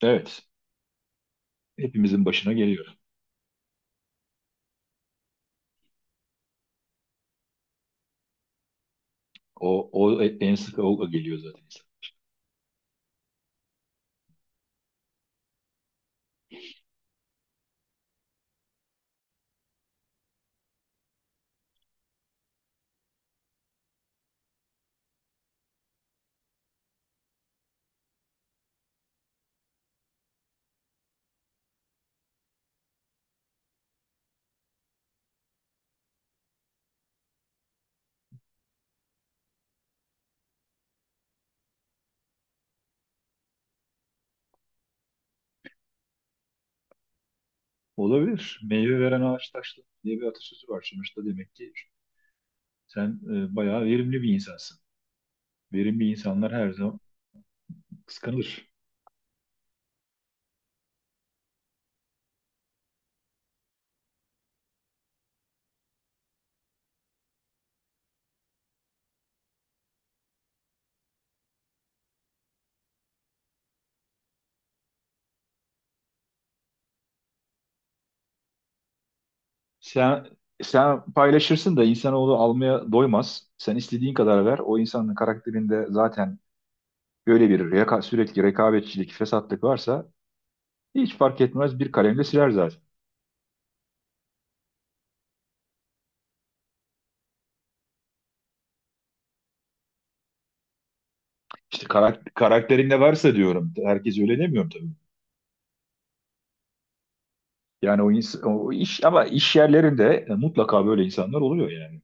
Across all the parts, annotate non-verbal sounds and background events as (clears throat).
Evet. Hepimizin başına geliyor. O en sık o geliyor zaten. İnsan. Olabilir. Meyve veren ağaç taşlı diye bir atasözü var. Sonuçta demek ki sen bayağı verimli bir insansın. Verimli insanlar her zaman kıskanılır. Sen sen paylaşırsın da insanoğlu almaya doymaz. Sen istediğin kadar ver. O insanın karakterinde zaten böyle sürekli rekabetçilik, fesatlık varsa hiç fark etmez, bir kalemle siler zaten. İşte karakterinde varsa diyorum. Herkes öyle demiyorum tabii. Yani o iş, ama iş yerlerinde mutlaka böyle insanlar oluyor yani.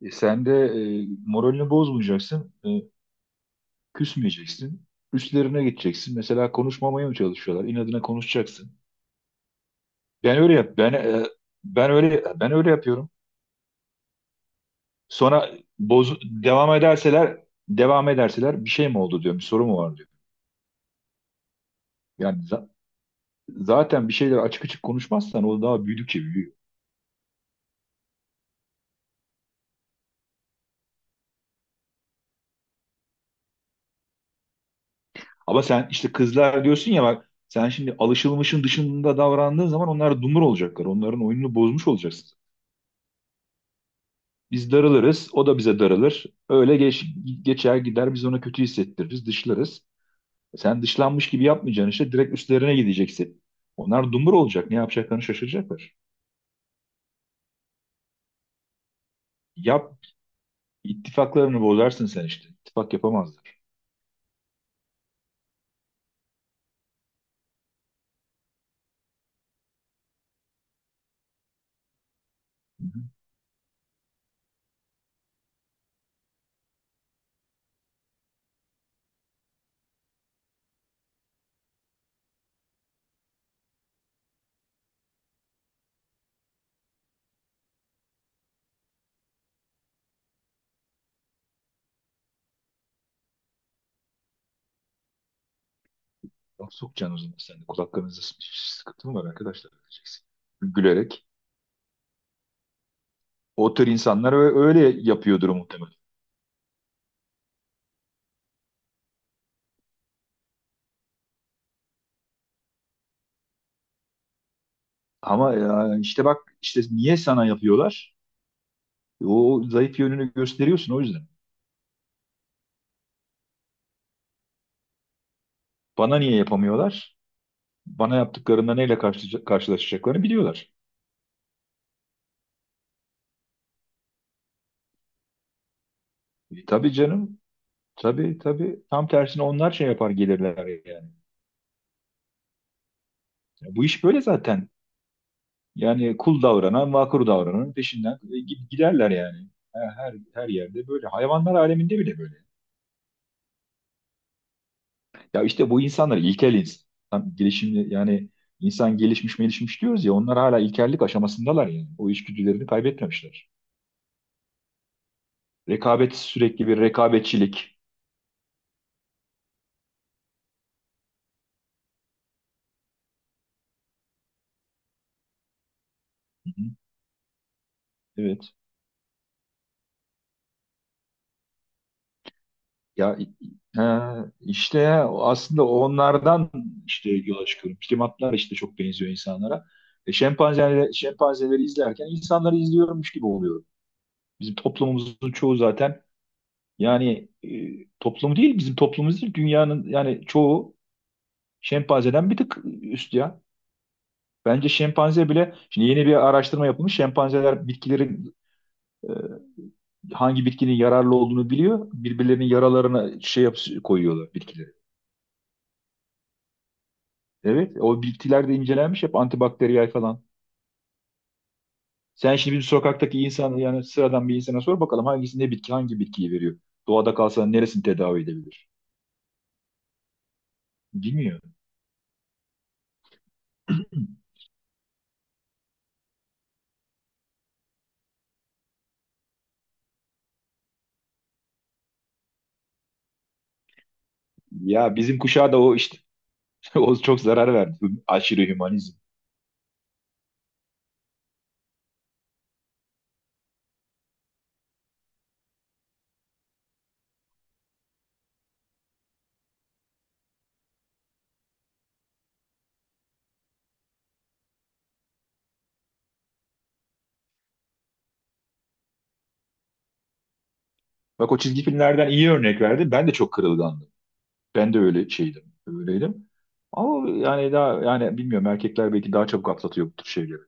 Sen de moralini bozmayacaksın, küsmeyeceksin. Üstlerine gideceksin. Mesela konuşmamaya mı çalışıyorlar? İnadına konuşacaksın. Ben öyle yap. Ben öyle ben öyle yapıyorum. Sonra devam ederseler devam ederseler, bir şey mi oldu diyorum. Bir soru mu var diyor. Yani zaten bir şeyler açık açık konuşmazsan o daha büyüdükçe büyüyor. Ama sen işte kızlar diyorsun ya, bak sen şimdi alışılmışın dışında davrandığın zaman onlar dumur olacaklar. Onların oyununu bozmuş olacaksın. Biz darılırız, o da bize darılır. Öyle geçer gider, biz ona kötü hissettiririz, dışlarız. E, sen dışlanmış gibi yapmayacaksın, işte direkt üstlerine gideceksin. Onlar dumur olacak, ne yapacaklarını şaşıracaklar. Yap, ittifaklarını bozarsın sen işte. İttifak yapamazlar. Hı hı. Laf sokacaksın, o zaman sen de kulaklarınızda sıkıntı mı var arkadaşlar diyeceksin. Gülerek. O tür insanlar öyle yapıyordur muhtemelen. Ama ya işte bak, işte niye sana yapıyorlar? O zayıf yönünü gösteriyorsun, o yüzden. Bana niye yapamıyorlar? Bana yaptıklarında neyle karşılaşacaklarını biliyorlar. Tabii canım. Tabii tabii. Tam tersine onlar şey yapar gelirler yani. Ya bu iş böyle zaten. Yani kul davranan, vakur davrananın peşinden giderler yani. Her yerde böyle. Hayvanlar aleminde bile böyle. Ya işte bu insanlar ilkel insan gelişimli, yani insan gelişmiş diyoruz ya, onlar hala ilkellik aşamasındalar yani. O içgüdülerini kaybetmemişler. Rekabet, sürekli bir rekabetçilik. Hı hı. Evet. Ya i- ha, işte aslında onlardan işte yola çıkıyorum. Primatlar işte çok benziyor insanlara. Şempanzeleri izlerken insanları izliyormuş gibi oluyorum. Bizim toplumumuzun çoğu zaten, yani toplumu değil bizim toplumumuz değil, dünyanın yani çoğu şempanzeden bir tık üst ya. Bence şempanze bile, şimdi yeni bir araştırma yapılmış. Şempanzeler bitkilerin e, hangi bitkinin yararlı olduğunu biliyor. Birbirlerinin yaralarına şey yap koyuyorlar bitkileri. Evet, o bitkiler de incelenmiş, hep antibakteriyel falan. Sen şimdi bir sokaktaki insan, yani sıradan bir insana sor bakalım hangisi ne bitki, hangi bitkiyi veriyor. Doğada kalsa neresini tedavi edebilir? Bilmiyor. (clears throat) Ya bizim kuşağa da o işte (laughs) o çok zarar verdi. Aşırı hümanizm. Bak, o çizgi filmlerden iyi örnek verdi. Ben de çok kırılgandım. Ben de öyle şeydim, öyleydim. Ama yani daha yani bilmiyorum, erkekler belki daha çabuk atlatıyor bu tür şeyleri.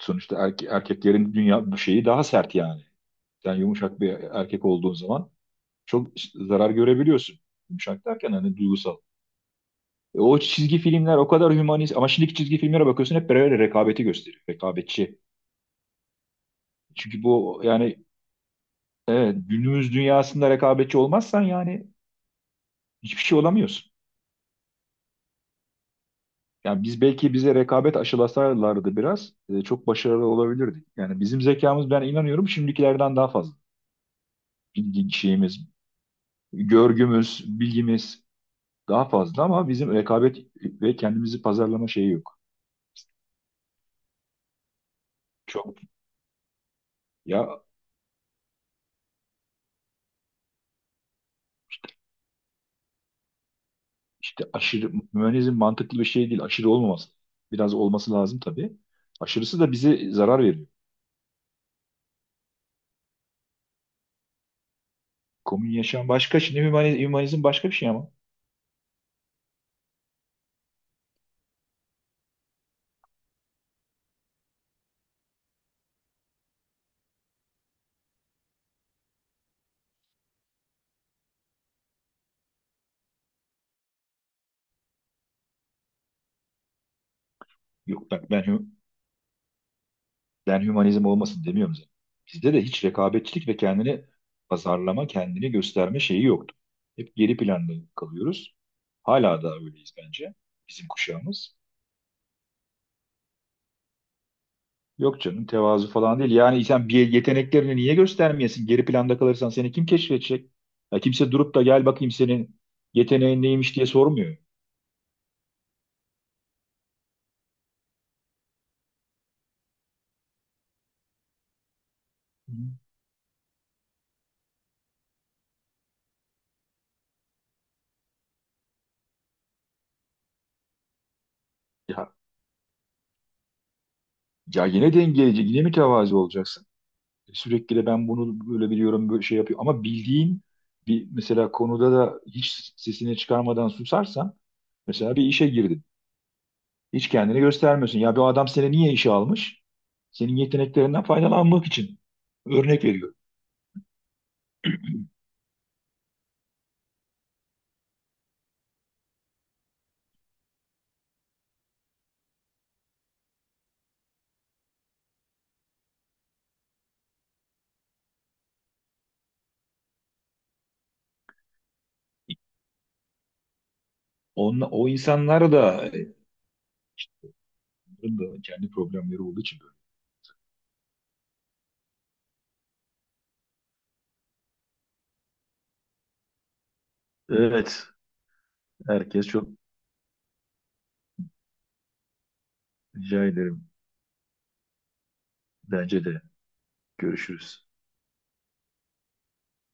Sonuçta erkeklerin dünya bu şeyi daha sert yani. Sen yumuşak bir erkek olduğun zaman çok zarar görebiliyorsun. Yumuşak derken hani duygusal. O çizgi filmler o kadar hümanist, ama şimdiki çizgi filmlere bakıyorsun hep böyle rekabeti gösteriyor. Rekabetçi. Çünkü bu yani evet, günümüz dünyasında rekabetçi olmazsan yani hiçbir şey olamıyorsun. Yani biz belki, bize rekabet aşılasalardı biraz çok başarılı olabilirdik. Yani bizim zekamız, ben inanıyorum şimdikilerden daha fazla. Bilgi şeyimiz, görgümüz, bilgimiz daha fazla, ama bizim rekabet ve kendimizi pazarlama şeyi yok. Çok ya işte aşırı mühendizm mantıklı bir şey değil. Aşırı olmaması. Biraz olması lazım tabii. Aşırısı da bize zarar veriyor. Komün yaşam başka. Şimdi hümanizm, hümanizm başka bir şey ama. Yok bak, hümanizm olmasın demiyorum zaten. Bizde de hiç rekabetçilik ve kendini pazarlama, kendini gösterme şeyi yoktu. Hep geri planda kalıyoruz. Hala da öyleyiz bence, bizim kuşağımız. Yok canım, tevazu falan değil. Yani sen bir yeteneklerini niye göstermeyesin? Geri planda kalırsan seni kim keşfedecek? Ya kimse durup da gel bakayım senin yeteneğin neymiş diye sormuyor. Hı. Ya, ya yine dengeleyici, yine mütevazi olacaksın. Sürekli de ben bunu böyle biliyorum, böyle şey yapıyor. Ama bildiğin bir mesela konuda da hiç sesini çıkarmadan susarsan, mesela bir işe girdin. Hiç kendini göstermiyorsun. Ya bu adam seni niye işe almış? Senin yeteneklerinden faydalanmak için. Örnek veriyor. O insanlar da, bunların da kendi problemleri olduğu için böyle. Evet. Herkes çok rica ederim. Bence de. Görüşürüz.